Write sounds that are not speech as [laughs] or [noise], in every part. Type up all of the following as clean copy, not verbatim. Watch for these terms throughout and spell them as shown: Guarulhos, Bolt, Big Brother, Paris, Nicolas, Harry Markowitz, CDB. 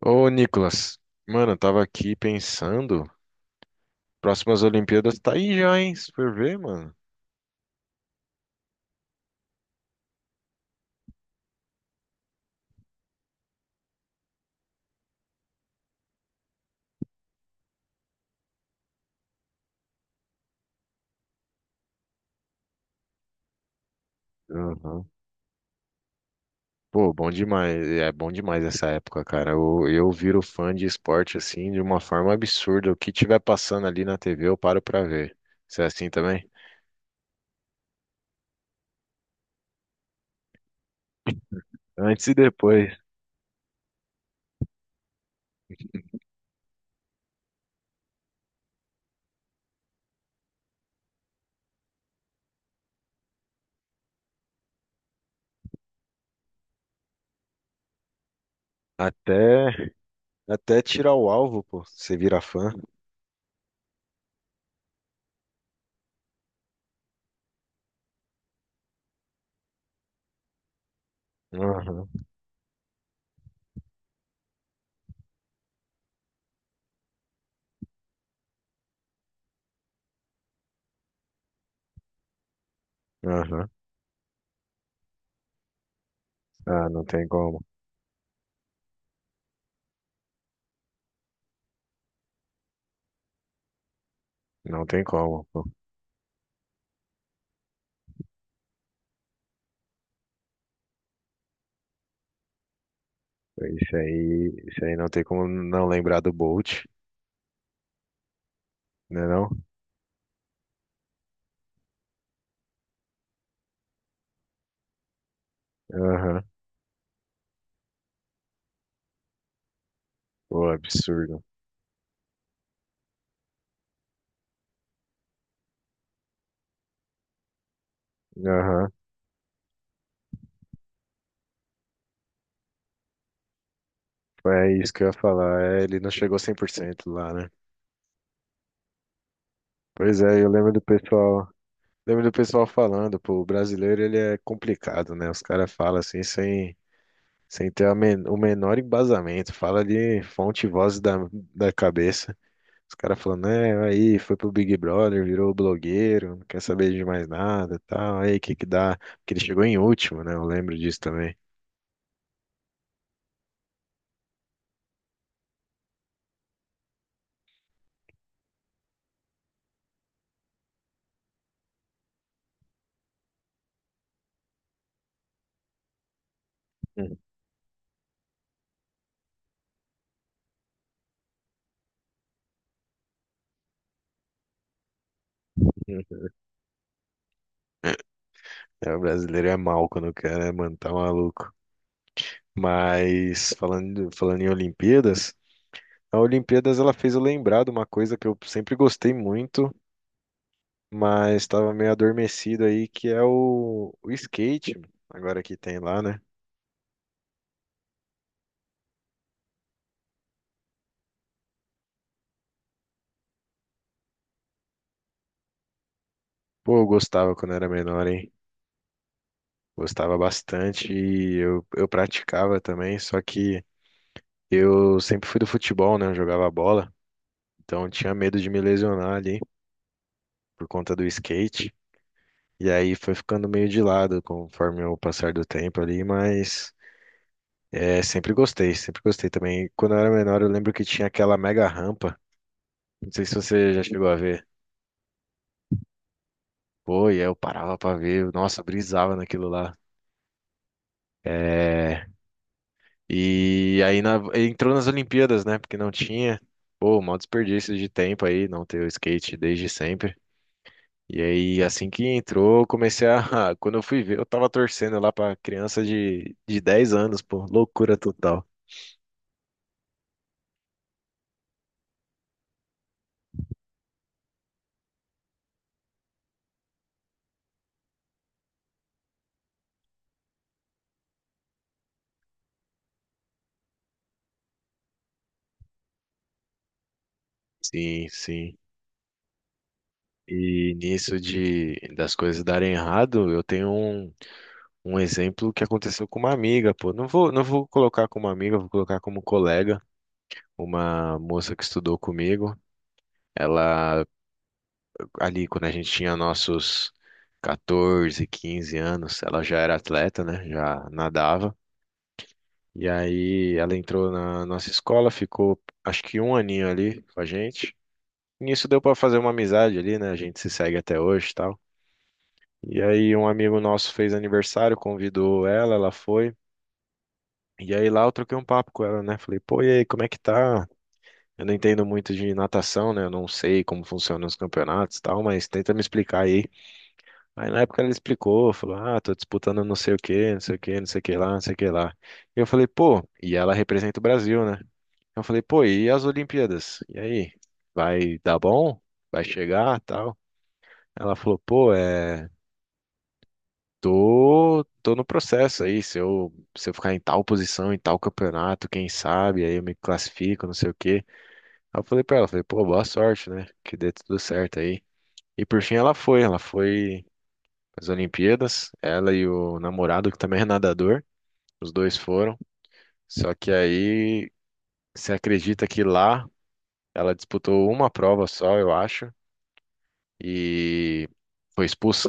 Ô, Nicolas, mano, eu tava aqui pensando, próximas Olimpíadas tá aí já, hein? Se for ver, mano. Aham. Pô, bom demais, é bom demais essa época, cara. Eu viro fã de esporte assim de uma forma absurda. O que tiver passando ali na TV, eu paro pra ver. Você é assim também? Antes e depois. Até até tirar o alvo, pô. Você vira fã. Aham, aham. Ah, não tem como. Não tem como, pô. Isso aí não tem como não lembrar do Bolt, né não? Aham. Pô, absurdo. Aham. Foi isso que eu ia falar. É, ele não chegou 100% lá, né? Pois é, eu lembro do pessoal falando, pô, o brasileiro ele é complicado, né? Os caras falam assim sem ter a o menor embasamento, fala de fonte e voz da cabeça. Os caras falando, é, aí foi pro Big Brother, virou blogueiro, não quer saber de mais nada, tal, aí que dá? Porque ele chegou em último, né? Eu lembro disso também. [laughs] É, o brasileiro é mal quando quer, né, mano? Tá maluco. Mas falando em Olimpíadas. A Olimpíadas ela fez eu lembrar de uma coisa que eu sempre gostei muito, mas estava meio adormecido aí, que é o skate, agora que tem lá, né? Pô, eu gostava quando era menor, hein? Gostava bastante e eu praticava também, só que eu sempre fui do futebol, né? Eu jogava bola, então eu tinha medo de me lesionar ali por conta do skate. E aí foi ficando meio de lado conforme o passar do tempo ali, mas é, sempre gostei também. Quando eu era menor, eu lembro que tinha aquela mega rampa. Não sei se você já chegou a ver. Pô, e aí eu parava pra ver. Nossa, eu brisava naquilo lá. É, e aí entrou nas Olimpíadas, né? Porque não tinha. Pô, maior desperdício de tempo aí, não ter o skate desde sempre. E aí, assim que entrou, eu comecei a. [laughs] Quando eu fui ver, eu tava torcendo lá pra criança de 10 anos, pô. Loucura total. Sim, sim. E nisso de das coisas darem errado, eu tenho um, um exemplo que aconteceu com uma amiga, pô. Não vou colocar como amiga, vou colocar como colega, uma moça que estudou comigo. Ela ali quando a gente tinha nossos 14, 15 anos, ela já era atleta, né? Já nadava. E aí ela entrou na nossa escola, ficou acho que um aninho ali com a gente. Nisso deu pra fazer uma amizade ali, né? A gente se segue até hoje, e tal. E aí um amigo nosso fez aniversário, convidou ela, ela foi. E aí lá eu troquei um papo com ela, né? Falei, pô, e aí, como é que tá? Eu não entendo muito de natação, né? Eu não sei como funcionam os campeonatos e tal, mas tenta me explicar aí. Aí na época ela explicou, falou, ah, tô disputando não sei o quê, não sei o quê, não sei o que lá, não sei o que lá. E eu falei, pô, e ela representa o Brasil, né? Eu falei, pô, e as Olimpíadas? E aí, vai dar bom? Vai chegar, tal? Ela falou, pô, é. Tô no processo aí. Se eu ficar em tal posição, em tal campeonato, quem sabe, aí eu me classifico, não sei o quê. Aí eu falei pra ela, falei, pô, boa sorte, né? Que dê tudo certo aí. E por fim ela foi às Olimpíadas, ela e o namorado, que também é nadador, os dois foram. Só que aí, você acredita que lá ela disputou uma prova só, eu acho, e foi expulsa?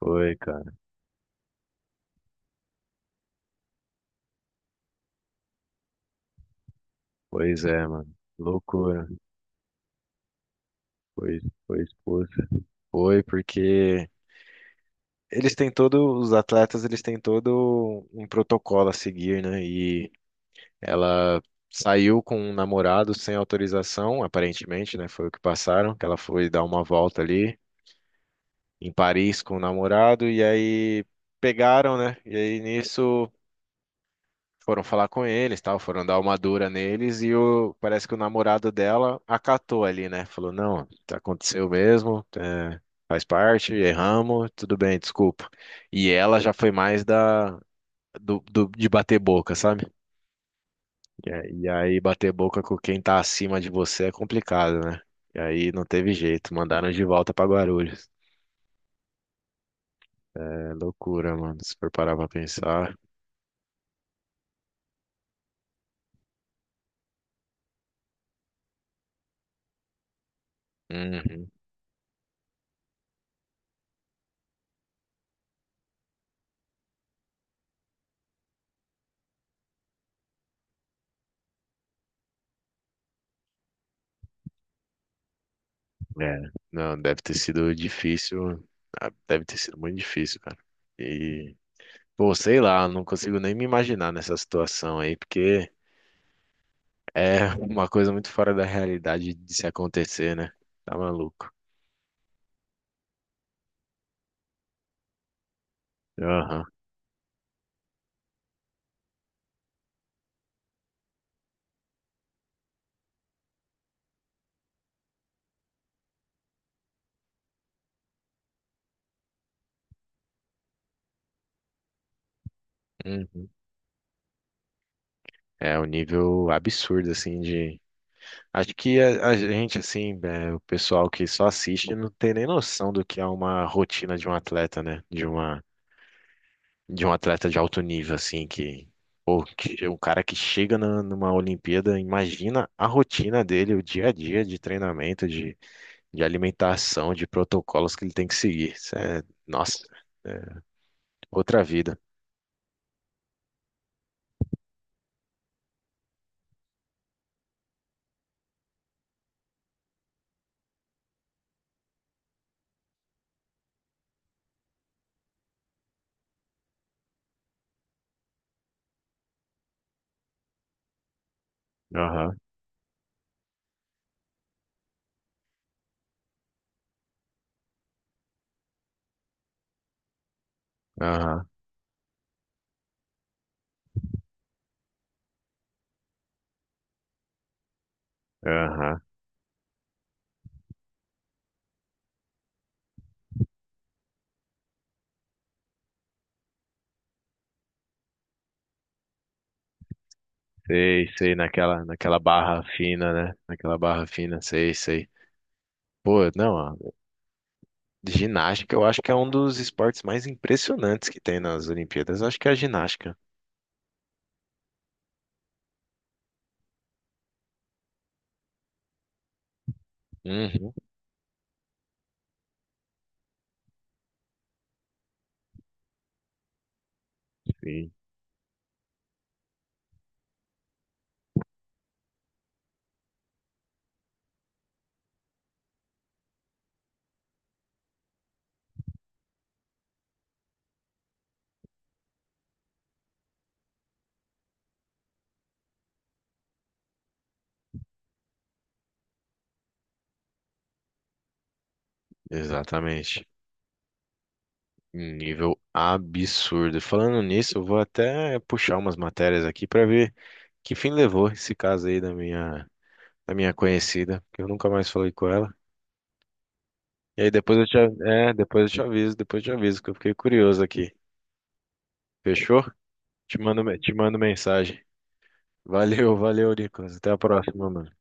Foi, cara. Pois é, mano. Loucura. Foi, foi expulsa. Foi porque eles têm todo, os atletas, eles têm todo um protocolo a seguir, né? E ela saiu com um namorado sem autorização, aparentemente, né? Foi o que passaram, que ela foi dar uma volta ali em Paris com o namorado e aí pegaram, né? E aí nisso foram falar com eles, tal, foram dar uma dura neles e o, parece que o namorado dela acatou ali, né? Falou, não, aconteceu mesmo, é, faz parte, erramos, tudo bem, desculpa. E ela já foi mais da de bater boca, sabe? E, aí bater boca com quem tá acima de você é complicado, né? E aí não teve jeito, mandaram de volta pra Guarulhos. É loucura, mano, se for parar pra pensar. Uhum. É, não, deve ter sido difícil. Ah, deve ter sido muito difícil, cara. E, pô, sei lá, não consigo nem me imaginar nessa situação aí, porque é [laughs] uma coisa muito fora da realidade de se acontecer, né? Tá maluco. Aham. Uhum. É um nível absurdo, assim, de. Acho que a gente, assim, é, o pessoal que só assiste não tem nem noção do que é uma rotina de um atleta, né? De uma. De um atleta de alto nível, assim, que, pô, que o cara que chega numa Olimpíada, imagina a rotina dele, o dia a dia de treinamento, de alimentação, de protocolos que ele tem que seguir. Isso é, nossa, outra vida. Aham, aham, aham. Sei, sei, naquela, naquela barra fina, né? Naquela barra fina, sei, sei. Pô, não, ó, ginástica eu acho que é um dos esportes mais impressionantes que tem nas Olimpíadas. Eu acho que é a ginástica. Uhum, sim, exatamente. Um nível absurdo. Falando nisso, eu vou até puxar umas matérias aqui para ver que fim levou esse caso aí da minha conhecida, que eu nunca mais falei com ela. E aí depois eu depois eu te aviso, depois eu te aviso, que eu fiquei curioso aqui. Fechou? Te mando, te mando mensagem. Valeu, valeu, Nicolas. Até a próxima, mano.